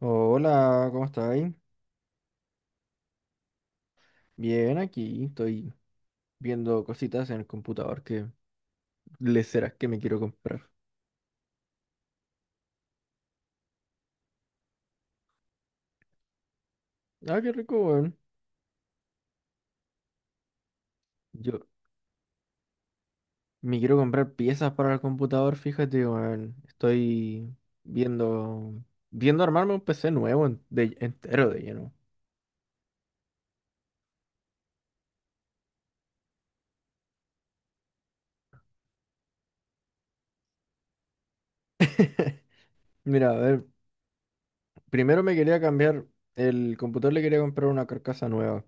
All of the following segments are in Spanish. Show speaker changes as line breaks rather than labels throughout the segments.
Oh, hola, ¿cómo estáis? Bien, aquí estoy viendo cositas en el computador que le serás que me quiero comprar. Ah, qué rico, weón. Yo me quiero comprar piezas para el computador, fíjate, weón. Estoy viendo, viendo armarme un PC nuevo entero de lleno. Mira, a ver, primero me quería cambiar el computador, le quería comprar una carcasa nueva,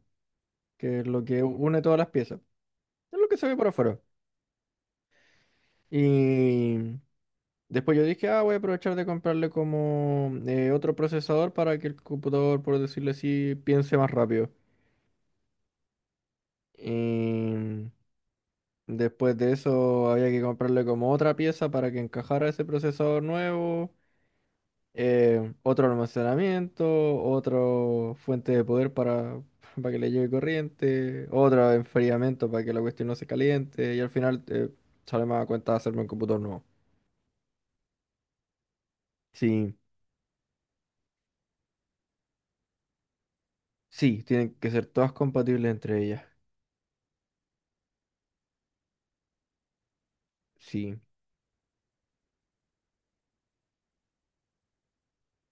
que es lo que une todas las piezas. Es lo que se ve por afuera. Y después yo dije, ah, voy a aprovechar de comprarle como otro procesador para que el computador, por decirlo así, piense más rápido. Y después de eso había que comprarle como otra pieza para que encajara ese procesador nuevo, otro almacenamiento, otra fuente de poder para, para que le llegue corriente, otro enfriamiento para que la cuestión no se caliente y al final sale más a cuenta hacerme un computador nuevo. Sí, sí, tienen que ser todas compatibles entre ellas. Sí.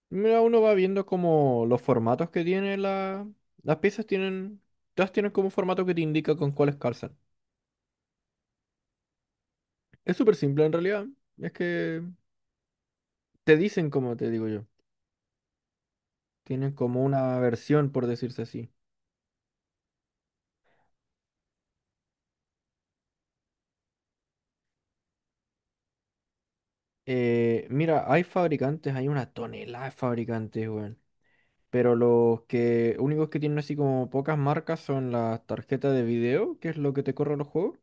Mira, uno va viendo como los formatos que tiene la. Las piezas tienen. Todas tienen como un formato que te indica con cuáles calzan. Es súper simple en realidad. Es que te dicen como te digo yo. Tienen como una versión, por decirse así. Mira, hay fabricantes, hay una tonelada de fabricantes, weón. Pero los que únicos que tienen así como pocas marcas son las tarjetas de video, que es lo que te corre los juegos,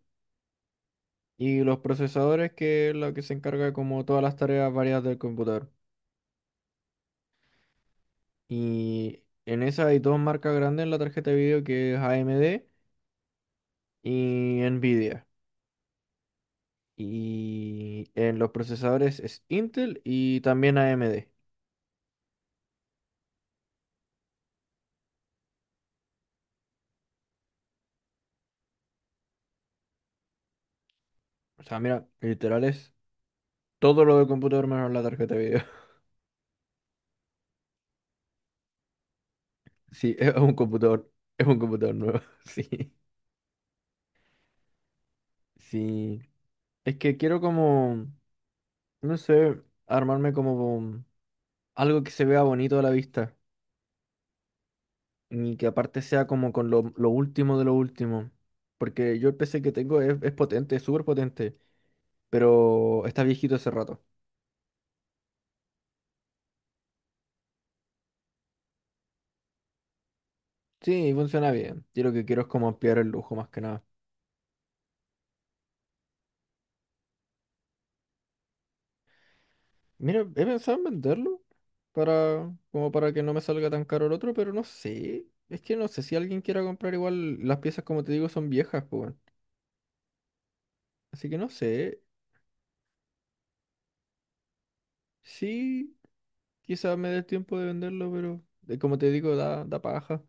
y los procesadores, que es lo que se encarga como todas las tareas variadas del computador. Y en esa hay dos marcas grandes en la tarjeta de video que es AMD y Nvidia. Y en los procesadores es Intel y también AMD. O sea, mira, literal es todo lo del computador menos la tarjeta de video. Sí, es un computador nuevo. Sí, sí. Es que quiero como, no sé, armarme como algo que se vea bonito a la vista, ni que aparte sea como con lo último de lo último. Porque yo el PC que tengo es potente, es súper potente. Pero está viejito hace rato. Sí, funciona bien. Yo lo que quiero es como ampliar el lujo más que nada. Mira, he pensado en venderlo, para, como para que no me salga tan caro el otro, pero no sé. Es que no sé si alguien quiera comprar igual. Las piezas, como te digo, son viejas, pues, weón. Así que no sé. Sí, quizás me dé el tiempo de venderlo, pero como te digo, da paja.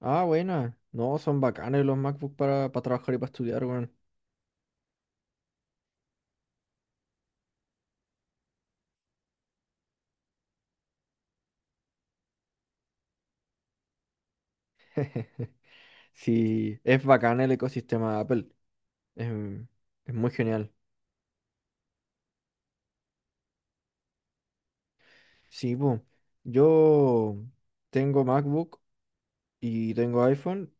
Ah, buena. No, son bacanes los MacBook para trabajar y para estudiar, weón. Sí, es bacán el ecosistema de Apple. Es, es muy genial. Sí, po. Yo tengo MacBook y tengo iPhone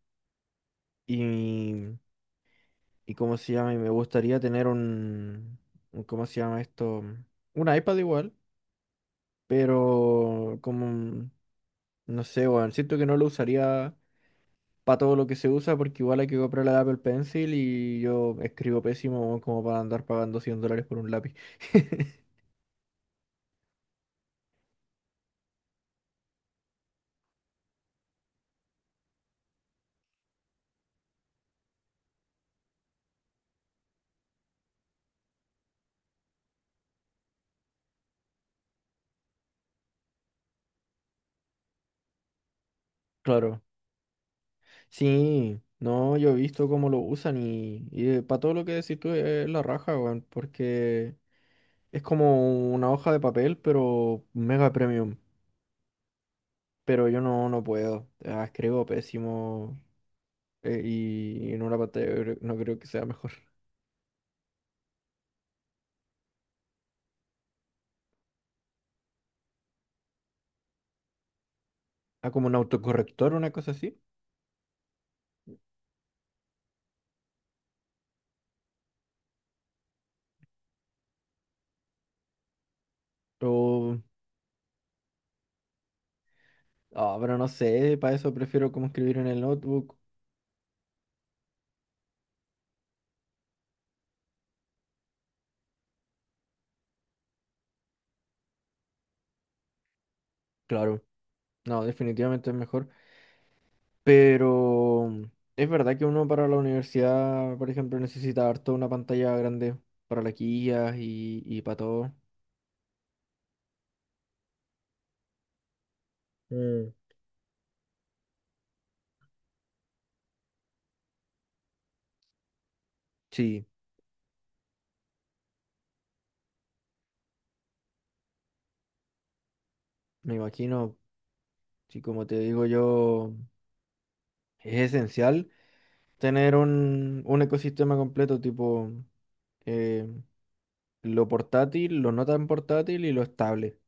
y, y ¿cómo se llama? Y me gustaría tener ¿cómo se llama esto? Un iPad igual, pero como, no sé, weón. Siento que no lo usaría para todo lo que se usa, porque igual hay que comprar la Apple Pencil y yo escribo pésimo weón, como para andar pagando 100 dólares por un lápiz. Claro, sí, no, yo he visto cómo lo usan y para todo lo que decís tú es la raja, weón, porque es como una hoja de papel, pero mega premium. Pero yo no, no puedo, escribo pésimo, y en una pantalla yo no creo que sea mejor. Ah, como un autocorrector, una cosa así. O Ah, pero no sé, para eso prefiero como escribir en el notebook. Claro, no, definitivamente es mejor. Pero es verdad que uno para la universidad, por ejemplo, necesita harto una pantalla grande para las guías y para todo. Mm, sí, me imagino, sí, como te digo yo, es esencial tener un ecosistema completo, tipo eh, lo portátil, lo no tan portátil y lo estable.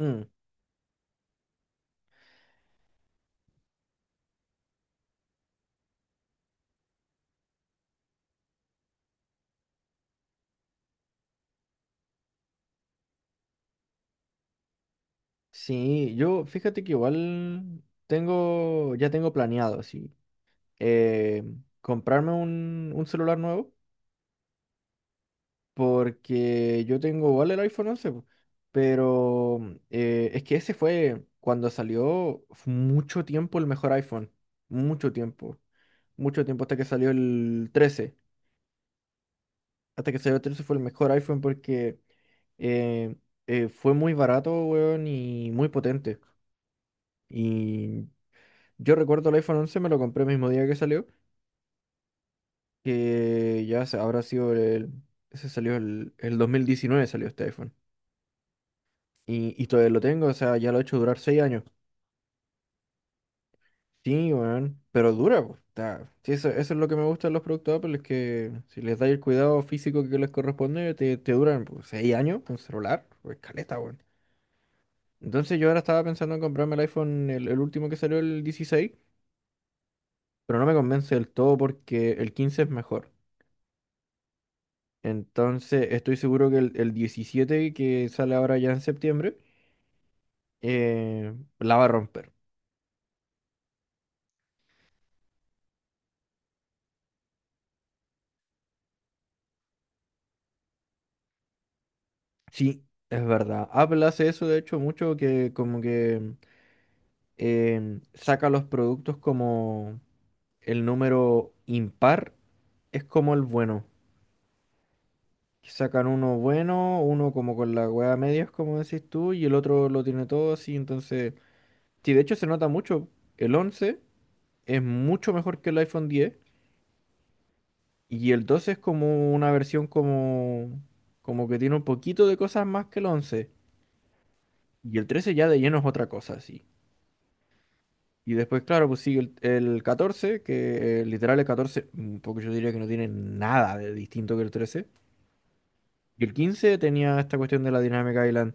Mm. Sí, yo fíjate que igual tengo, ya tengo planeado, sí, eh, comprarme un celular nuevo porque yo tengo igual el iPhone 11 po, pero es que ese fue cuando salió fue mucho tiempo el mejor iPhone, mucho tiempo, mucho tiempo hasta que salió el 13 hasta que salió el 13 fue el mejor iPhone porque eh, fue muy barato, weón, y muy potente. Y Yo recuerdo el iPhone 11, me lo compré el mismo día que salió, que ya habrá sido el. Ese salió el 2019, salió este iPhone. Y todavía lo tengo, o sea, ya lo he hecho durar 6 años. Sí, weón, pero dura, pues. Sí, eso es lo que me gusta de los productos Apple, es que si les dais el cuidado físico que les corresponde, te duran pues, 6 años un celular, pues caleta, weón. Entonces yo ahora estaba pensando en comprarme el iPhone, el último que salió, el 16, pero no me convence del todo porque el 15 es mejor. Entonces, estoy seguro que el 17 que sale ahora ya en septiembre, eh, la va a romper. Sí, es verdad. Apple hace eso, de hecho, mucho que como que saca los productos como el número impar es como el bueno. Que Sacan uno bueno, uno como con la hueá a medias, como decís tú, y el otro lo tiene todo así. Entonces, sí, de hecho se nota mucho. El 11 es mucho mejor que el iPhone 10. Y el 12 es como una versión como que tiene un poquito de cosas más que el 11. Y el 13 ya de lleno es otra cosa, así. Y después, claro, pues sigue el 14, que literal el 14 porque yo diría que no tiene nada de distinto que el 13. Y el 15 tenía esta cuestión de la Dynamic Island,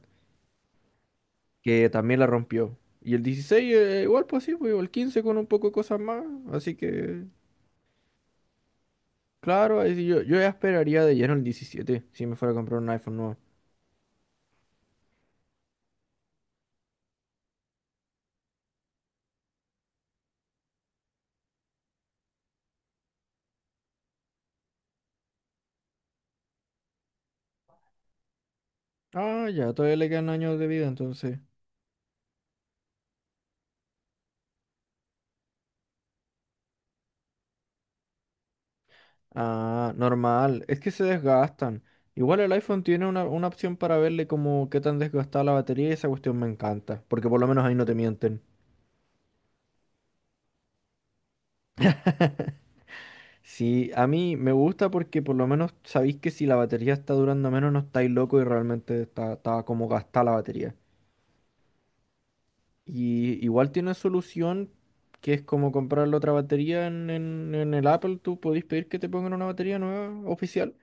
que también la rompió. Y el 16 igual pues sí, pues, el 15 con un poco de cosas más. Así que, claro, ahí sí yo ya esperaría de lleno el 17 si me fuera a comprar un iPhone nuevo. Ah, ya, todavía le quedan años de vida entonces. Ah, normal. Es que se desgastan. Igual el iPhone tiene una opción para verle como qué tan desgastada la batería y esa cuestión me encanta, porque por lo menos ahí no te mienten. Sí, a mí me gusta porque por lo menos sabéis que si la batería está durando menos no estáis loco y realmente está como gastada la batería. Y igual tiene solución que es como comprar la otra batería en el Apple, tú podéis pedir que te pongan una batería nueva oficial.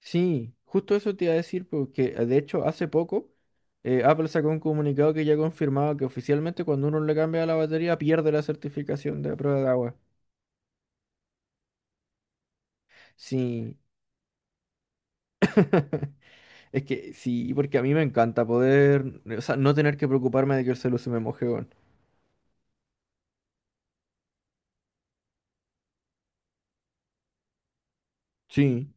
Sí, justo eso te iba a decir, porque de hecho hace poco Apple sacó un comunicado que ya confirmaba que oficialmente cuando uno le cambia la batería pierde la certificación de prueba de agua. Sí, es que sí, porque a mí me encanta poder, o sea, no tener que preocuparme de que el celular se me moje, weón. Sí,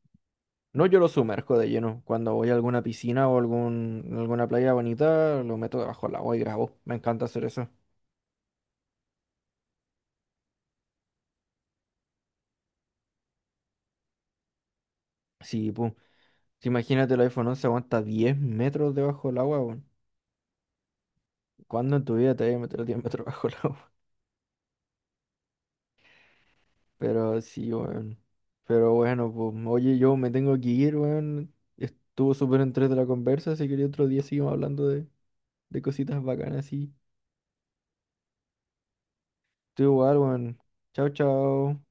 no, yo lo sumerjo de lleno. Cuando voy a alguna piscina o algún, alguna playa bonita, lo meto debajo del agua y grabo. Me encanta hacer eso. Sí, pum. Imagínate el iPhone 11 aguanta 10 metros debajo del agua, weón. ¿Cuándo en tu vida te hayas metido el diámetro bajo el agua? Pero sí, weón. Pero bueno, pues, oye, yo me tengo que ir, weón. Estuvo súper entrete la conversa. Si quería otro día seguimos hablando de cositas bacanas, sí. Tú igual, weón. Chao, chao.